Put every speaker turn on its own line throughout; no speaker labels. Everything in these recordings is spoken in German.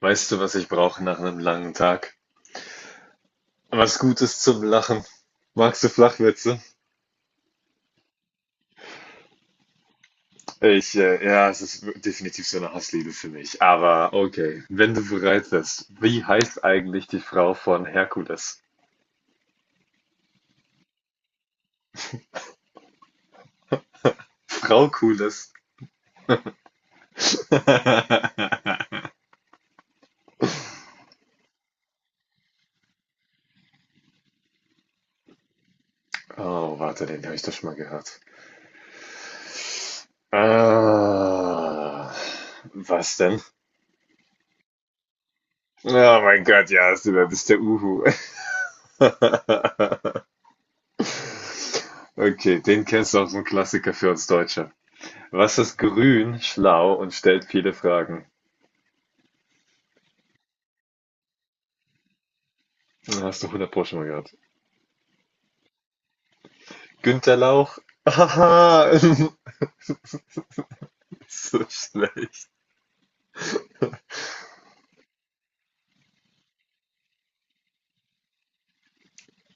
Weißt du, was ich brauche nach einem langen Tag? Was Gutes zum Lachen. Magst du Flachwitze? Ich, ja, es ist definitiv so eine Hassliebe für mich. Aber okay, wenn du bereit bist, wie heißt eigentlich die Frau von Herkules? Frau Kules. Oh, warte, den habe ich doch schon mal gehört. Ah, was denn? Oh mein Gott, ja, du bist der Uhu. Okay, den kennst du auch, so ein Klassiker für uns Deutsche. Was ist grün, schlau und stellt viele Fragen? Hast du hundert Pro schon mal gehört. Günter Lauch? Haha, so schlecht.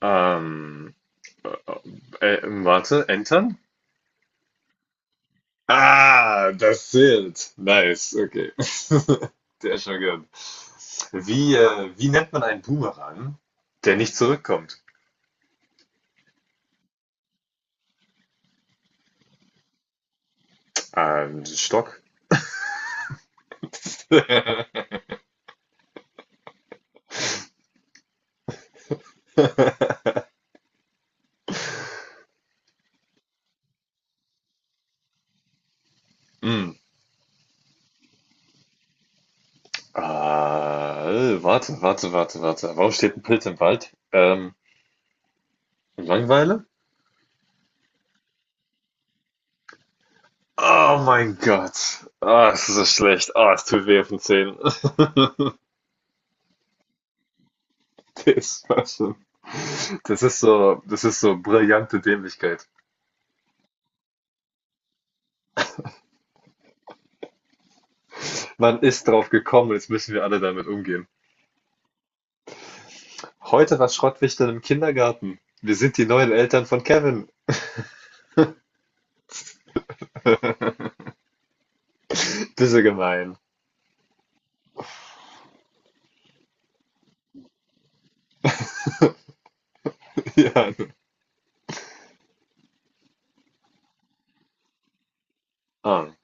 Ähm, äh, warte, entern? Ah, das zählt. Nice, okay. Der ist schon gehört. Wie nennt man einen Boomerang, der nicht zurückkommt? Stock? Hm. Ah, warte, warte, warte, warte. Warum steht ein Pilz im Wald? Langeweile? Oh mein Gott. Ah, es ist so schlecht. Ah, es tut weh auf den Zähnen. Das war schon. das ist so brillante Dämlichkeit. Man ist drauf gekommen, jetzt müssen wir alle damit umgehen. Heute war Schrottwichteln im Kindergarten. Wir sind die neuen Eltern von Kevin. Bisse gemein. Ja. Ah,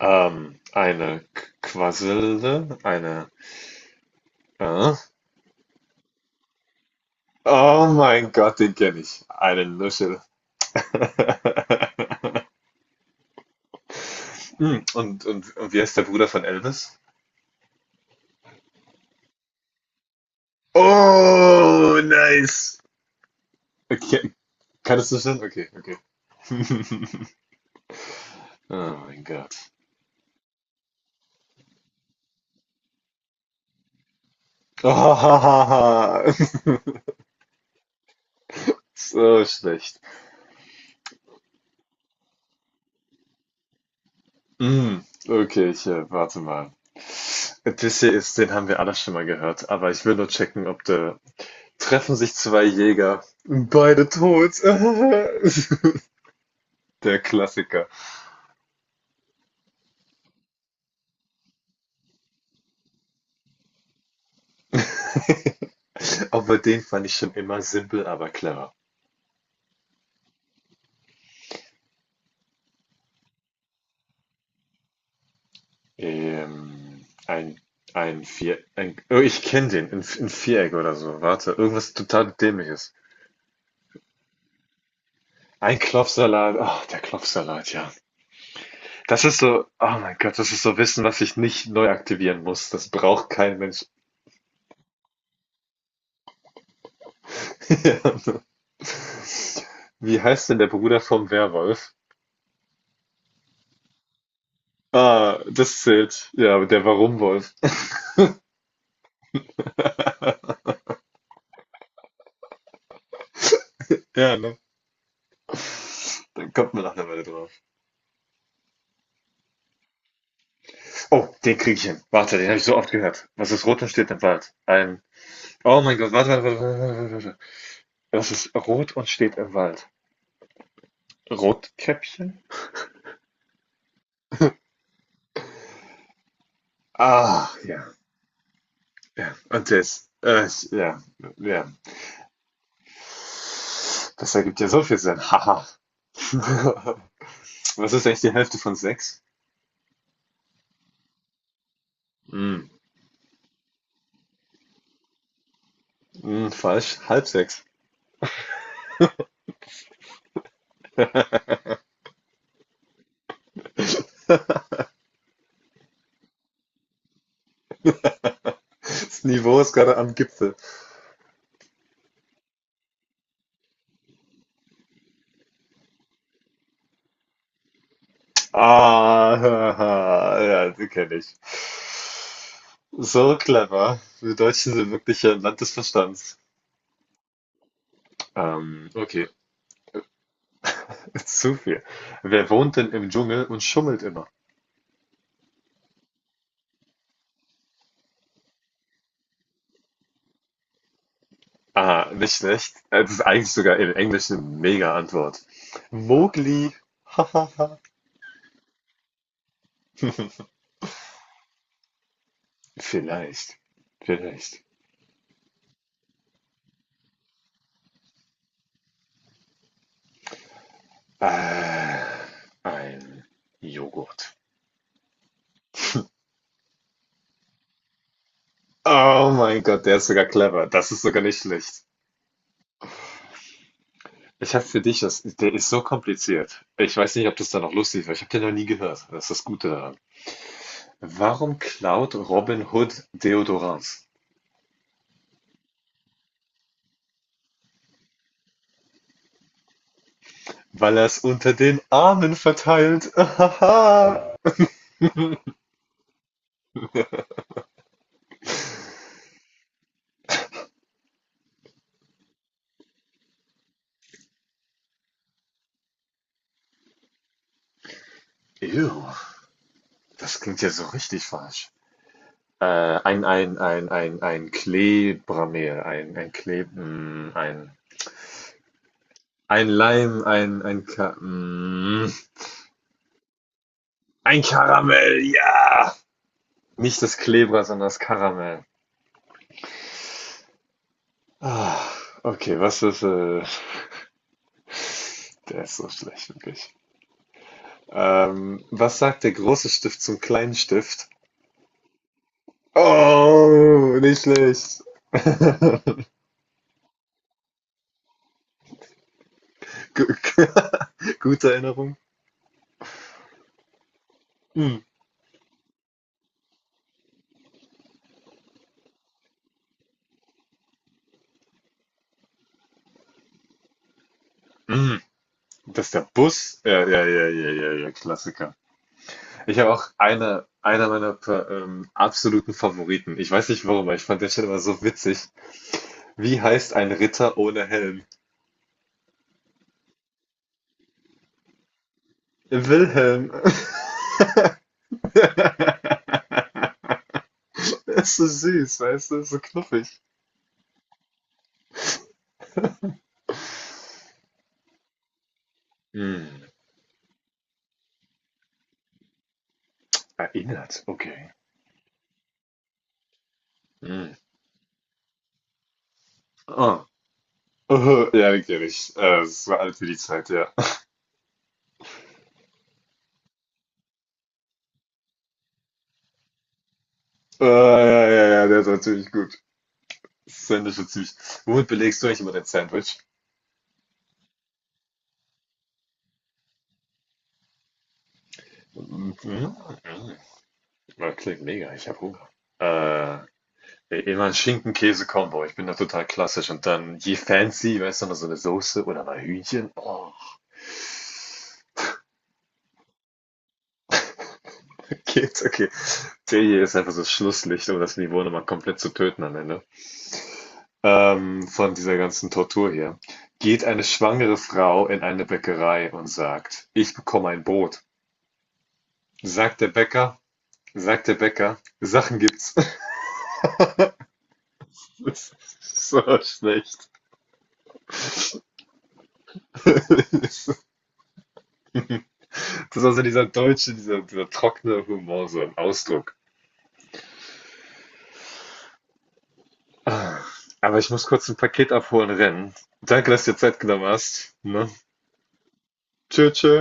eine Quasselde, eine. Äh? Oh mein Gott, den kenne ich. Eine Nuschel. Hm, und wie heißt der Bruder von Elvis? Oh, nice. Okay, kannst du schon? Okay, okay. Oh mein Gott. So schlecht. Hm, okay, ich warte mal. Odysseus, den haben wir alle schon mal gehört, aber ich will nur checken, ob der. Treffen sich zwei Jäger, beide tot. Der Klassiker. Aber den fand ich schon immer simpel, aber clever. Ein, oh, ich kenne den, ein Viereck oder so. Warte, irgendwas total Dämliches. Ein Klopfsalat, oh der Klopfsalat, ja. Das ist so, oh mein Gott, das ist so Wissen, was ich nicht neu aktivieren muss. Das braucht kein Mensch. Ja. Wie heißt denn der Bruder vom Werwolf? Ah, das zählt. Ja, aber der Warumwolf. Ja, ne? Dann kommt man nach einer Weile drauf. Oh, den krieg ich hin. Warte, den habe ich so oft gehört. Was ist rot und steht im Wald? Ein Oh mein Gott, warte, warte, warte, warte, warte, das ist rot und steht im Wald. Rotkäppchen? Ah, ja. Und das? Ja, ja. Das ergibt ja so viel Sinn. Haha. Was ist eigentlich die Hälfte von sechs? Hm, hm, falsch. Halb sechs. Das Niveau ist gerade am Gipfel. Ah, haha, ja, die kenne ich. So clever. Wir Deutschen sind wirklich ein Land des Verstands. Okay. Zu viel. Wer wohnt denn im Dschungel und schummelt immer? Ah, nicht schlecht. Das ist eigentlich sogar im Englischen eine Mega-Antwort. Mowgli. Hahaha. Vielleicht. Vielleicht. Äh, ein Joghurt. Oh mein Gott, der ist sogar clever. Das ist sogar nicht schlecht. Ich habe für dich das, der ist so kompliziert. Ich weiß nicht, ob das da noch lustig war. Ich habe den noch nie gehört. Das ist das Gute daran. Warum klaut Robin Hood Deodorant? Weil er es unter den Armen verteilt. Ahaha. Ew, das klingt ja so richtig falsch. Ein Klebramel, ein Kleb, ein Leim, Ka ein Karamell, ja! Nicht das Klebra, sondern das Karamell. Ah, okay, der ist so schlecht, wirklich. Was sagt der große Stift zum kleinen Stift? Oh, nicht schlecht. Gu- Gute Erinnerung. Hm. Hm. Das ist der Bus. Ja, ja, ja, ja, ja, ja, Klassiker. Ich habe auch einer meiner absoluten Favoriten. Ich weiß nicht warum, aber ich fand der Stelle immer so witzig. Wie heißt ein Ritter ohne Helm? Wilhelm. Das ist so süß, weißt du? So knuffig. Hm. Erinnert, okay. Hm. Oh. Oh, ja, den kenne ich. So alt wie die Zeit, ja. Ah, ja, ja, ja, der ist natürlich gut. Sandwich ist süß. Womit belegst du eigentlich immer dein Sandwich? Mhm. Das klingt mega, ich habe Hunger. Äh, immer ein Schinken-Käse-Kombo. Ich bin da total klassisch. Und dann je fancy, weißt du, noch so eine Soße oder mal Hühnchen. Oh, geht's, okay. Der hier ist einfach so das Schlusslicht, um das Niveau nochmal komplett zu töten am Ende. Von dieser ganzen Tortur hier. Geht eine schwangere Frau in eine Bäckerei und sagt, ich bekomme ein Brot. Sagt der Bäcker, sagt der Bäcker, Sachen gibt's. Das ist so schlecht. Das ist also dieser deutsche, dieser trockene Humor, so ein Ausdruck. Ah, aber ich muss kurz ein Paket abholen rennen. Danke, dass du dir Zeit genommen hast. Ne? Tschö, tschö.